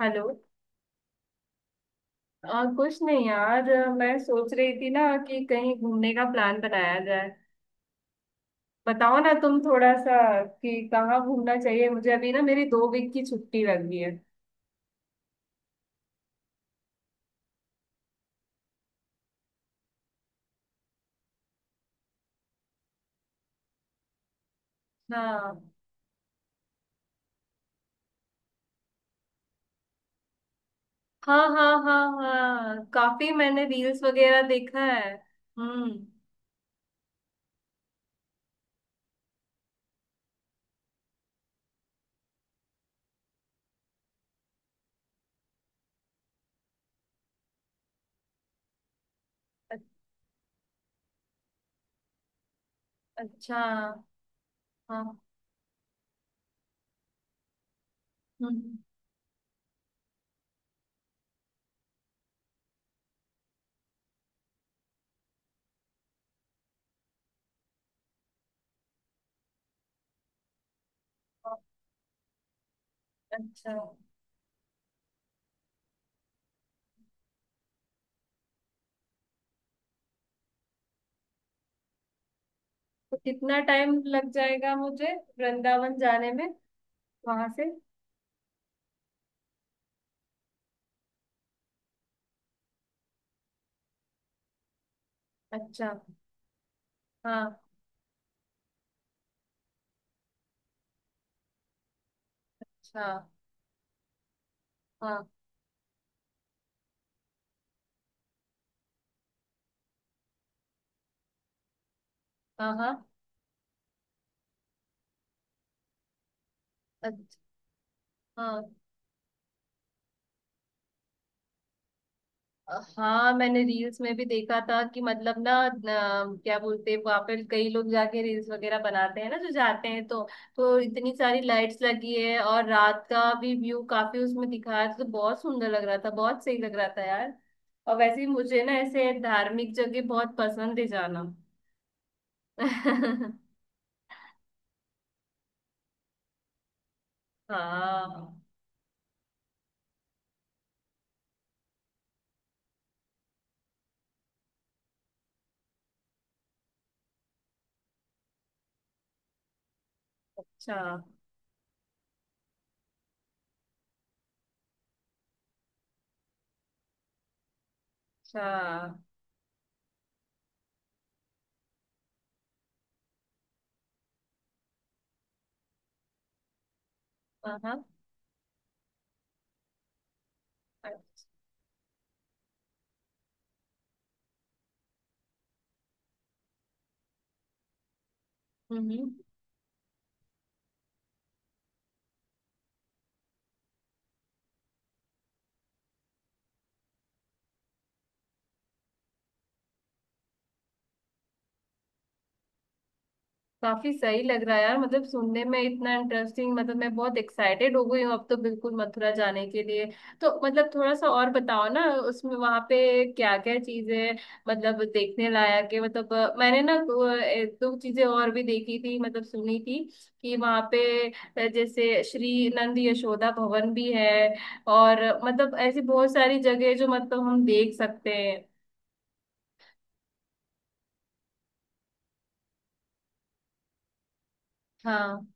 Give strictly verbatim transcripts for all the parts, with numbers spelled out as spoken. Hello. आ, कुछ नहीं यार, अ, मैं सोच रही थी ना कि कहीं घूमने का प्लान बनाया जाए। बताओ ना तुम थोड़ा सा कि कहाँ घूमना चाहिए मुझे। अभी ना मेरी दो वीक की छुट्टी लग गई है। हाँ, हाँ, हाँ, हाँ, हाँ, काफी मैंने रील्स वगैरह देखा है। हम्म। अ- अच्छा। हाँ। हम्म। हाँ, अच्छा। तो कितना टाइम लग जाएगा मुझे वृंदावन जाने में वहां से? अच्छा। हाँ। अच्छा। हाँ, हाँ, हाँ। अच्छा। हाँ, हाँ, मैंने रील्स में भी देखा था कि मतलब ना, न, क्या बोलते हैं, वहां पर कई लोग जाके रील्स वगैरह बनाते हैं ना जो जाते हैं, तो तो इतनी सारी लाइट्स लगी है और रात का भी व्यू काफी उसमें दिखाया था, तो बहुत सुंदर लग रहा था, बहुत सही लग रहा था यार। और वैसे ही मुझे ना ऐसे धार्मिक जगह बहुत पसंद है जाना। हाँ। अच्छा। अच्छा। हाँ, हाँ। हम्म। हम्म। काफी सही लग रहा है यार, मतलब सुनने में इतना इंटरेस्टिंग, मतलब मैं बहुत एक्साइटेड हो गई हूँ अब तो, बिल्कुल मथुरा जाने के लिए। तो मतलब थोड़ा सा और बताओ ना उसमें, वहां पे क्या क्या चीजें मतलब देखने लायक है। मतलब अ, मैंने ना दो एक दो चीजें और भी देखी थी, मतलब सुनी थी कि वहां पे अ, जैसे श्री नंद यशोदा भवन भी है, और अ, मतलब ऐसी बहुत सारी जगह है जो मतलब हम देख सकते हैं। हाँ,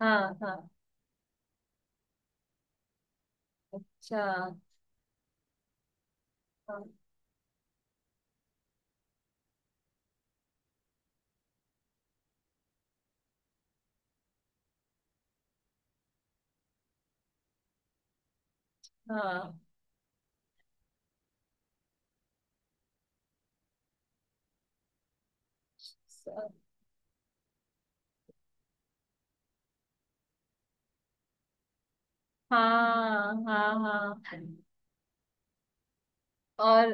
हाँ, हाँ। अच्छा। हाँ, हाँ, हाँ, हाँ, हाँ और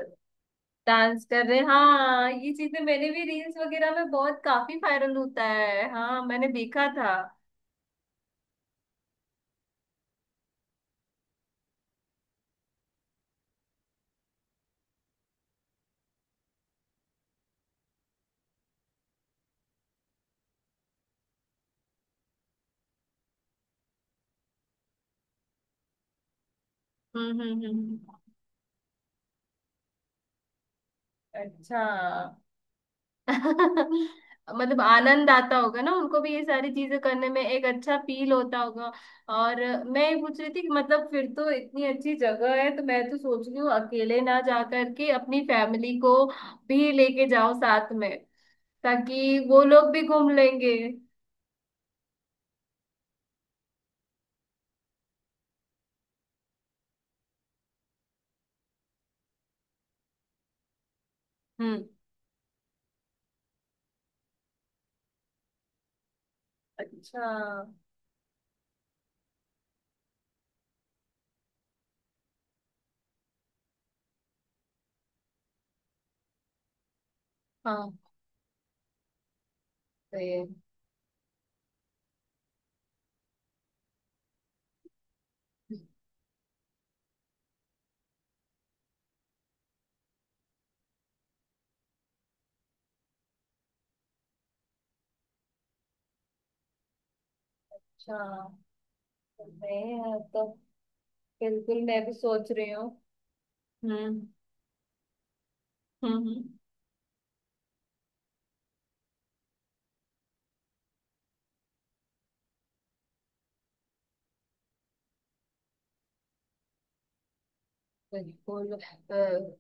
डांस कर रहे, हाँ, ये चीजें मैंने भी रील्स वगैरह में बहुत, काफी वायरल होता है, हाँ मैंने देखा था। हम्म। हम्म। हम्म। अच्छा। मतलब आनंद आता होगा ना उनको भी, ये सारी चीजें करने में एक अच्छा फील होता होगा। और मैं ये पूछ रही थी कि मतलब फिर तो इतनी अच्छी जगह है, तो मैं तो सोच रही हूँ अकेले ना जा करके अपनी फैमिली को भी लेके जाओ साथ में, ताकि वो लोग भी घूम लेंगे। हम्म। अच्छा। हाँ। फिर। अच्छा। मैं तो बिल्कुल मैं भी सोच रही हूँ। हम्म। हम्म, हम्म, बिल्कुल। अ,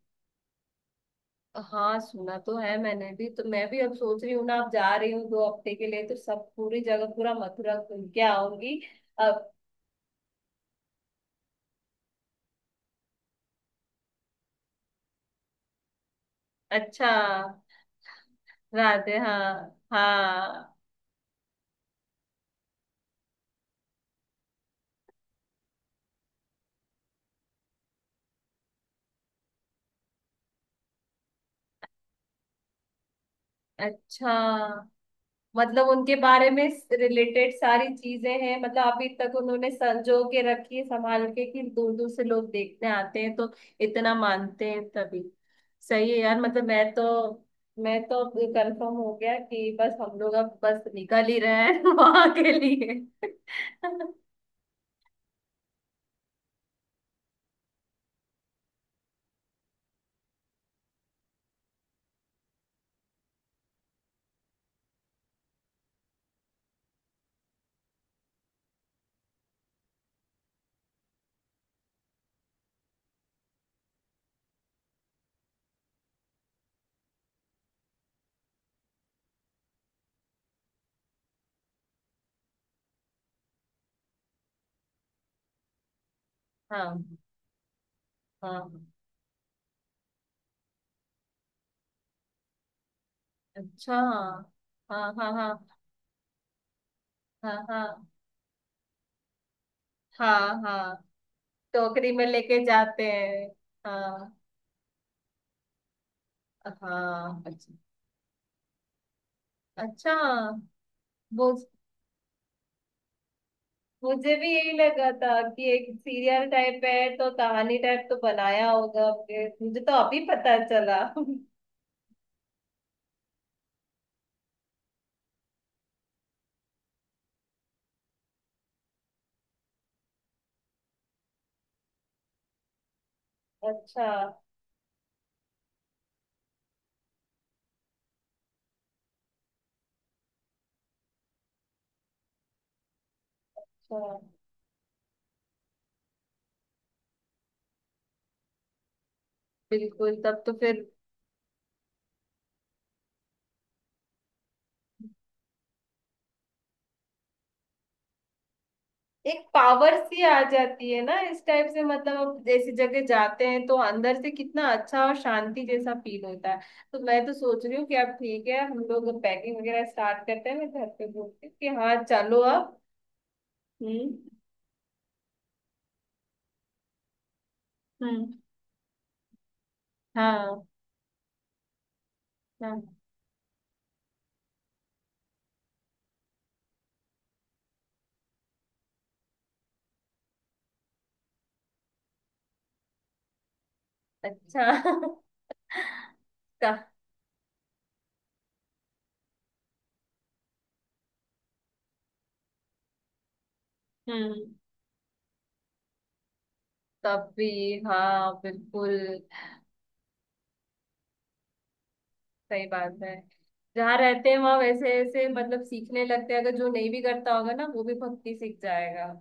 हाँ सुना तो है मैंने भी, तो मैं भी अब सोच रही हूँ ना, अब जा रही हूँ दो हफ्ते के लिए, तो सब पूरी जगह पूरा मथुरा घूम के आऊंगी। अब। अच्छा। राधे, हाँ, हाँ। अच्छा। मतलब उनके बारे में रिलेटेड सारी चीजें हैं, मतलब अभी तक उन्होंने संजो के रखी है, संभाल के, कि दूर दूर से लोग देखने आते हैं, तो इतना मानते हैं तभी। सही है यार, मतलब मैं तो मैं तो कंफर्म हो गया कि बस हम लोग अब बस निकल ही रहे हैं वहां के लिए। हाँ, हाँ। अच्छा। हाँ, हाँ, हाँ, हाँ, हाँ, हाँ, हाँ, टोकरी में लेके जाते हैं। हाँ, हाँ। अच्छा। अच्छा। वो, मुझे भी यही लगा था कि एक सीरियल टाइप है तो कहानी टाइप तो बनाया होगा आपने। मुझे तो अभी पता चला। अच्छा। अच्छा। बिल्कुल, तब तो फिर एक पावर सी आ जाती है ना इस टाइप से, मतलब हम जैसी जगह जाते हैं तो अंदर से कितना अच्छा और शांति जैसा फील होता है। तो मैं तो सोच रही हूँ कि अब ठीक है, हम लोग पैकिंग वगैरह स्टार्ट करते हैं, मैं घर पे बोलती हूँ कि हाँ चलो अब। हम्म। हम्म। हाँ, हाँ। अच्छा। का- हम्म। तब भी। हाँ, बिल्कुल। सही बात है। जहाँ रहते हैं वहां वैसे ऐसे मतलब सीखने लगते हैं, अगर जो नहीं भी करता होगा ना वो भी भक्ति सीख जाएगा।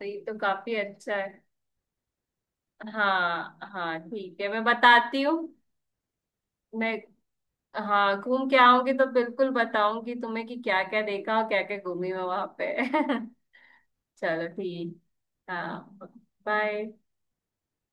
तो ये तो काफी अच्छा है। हाँ, हाँ ठीक है, मैं बताती हूँ। मैं, हाँ घूम के आऊंगी तो बिल्कुल बताऊंगी तुम्हें कि क्या क्या देखा और क्या क्या घूमी मैं वहां पे। चलो ठीक। हाँ। बाय।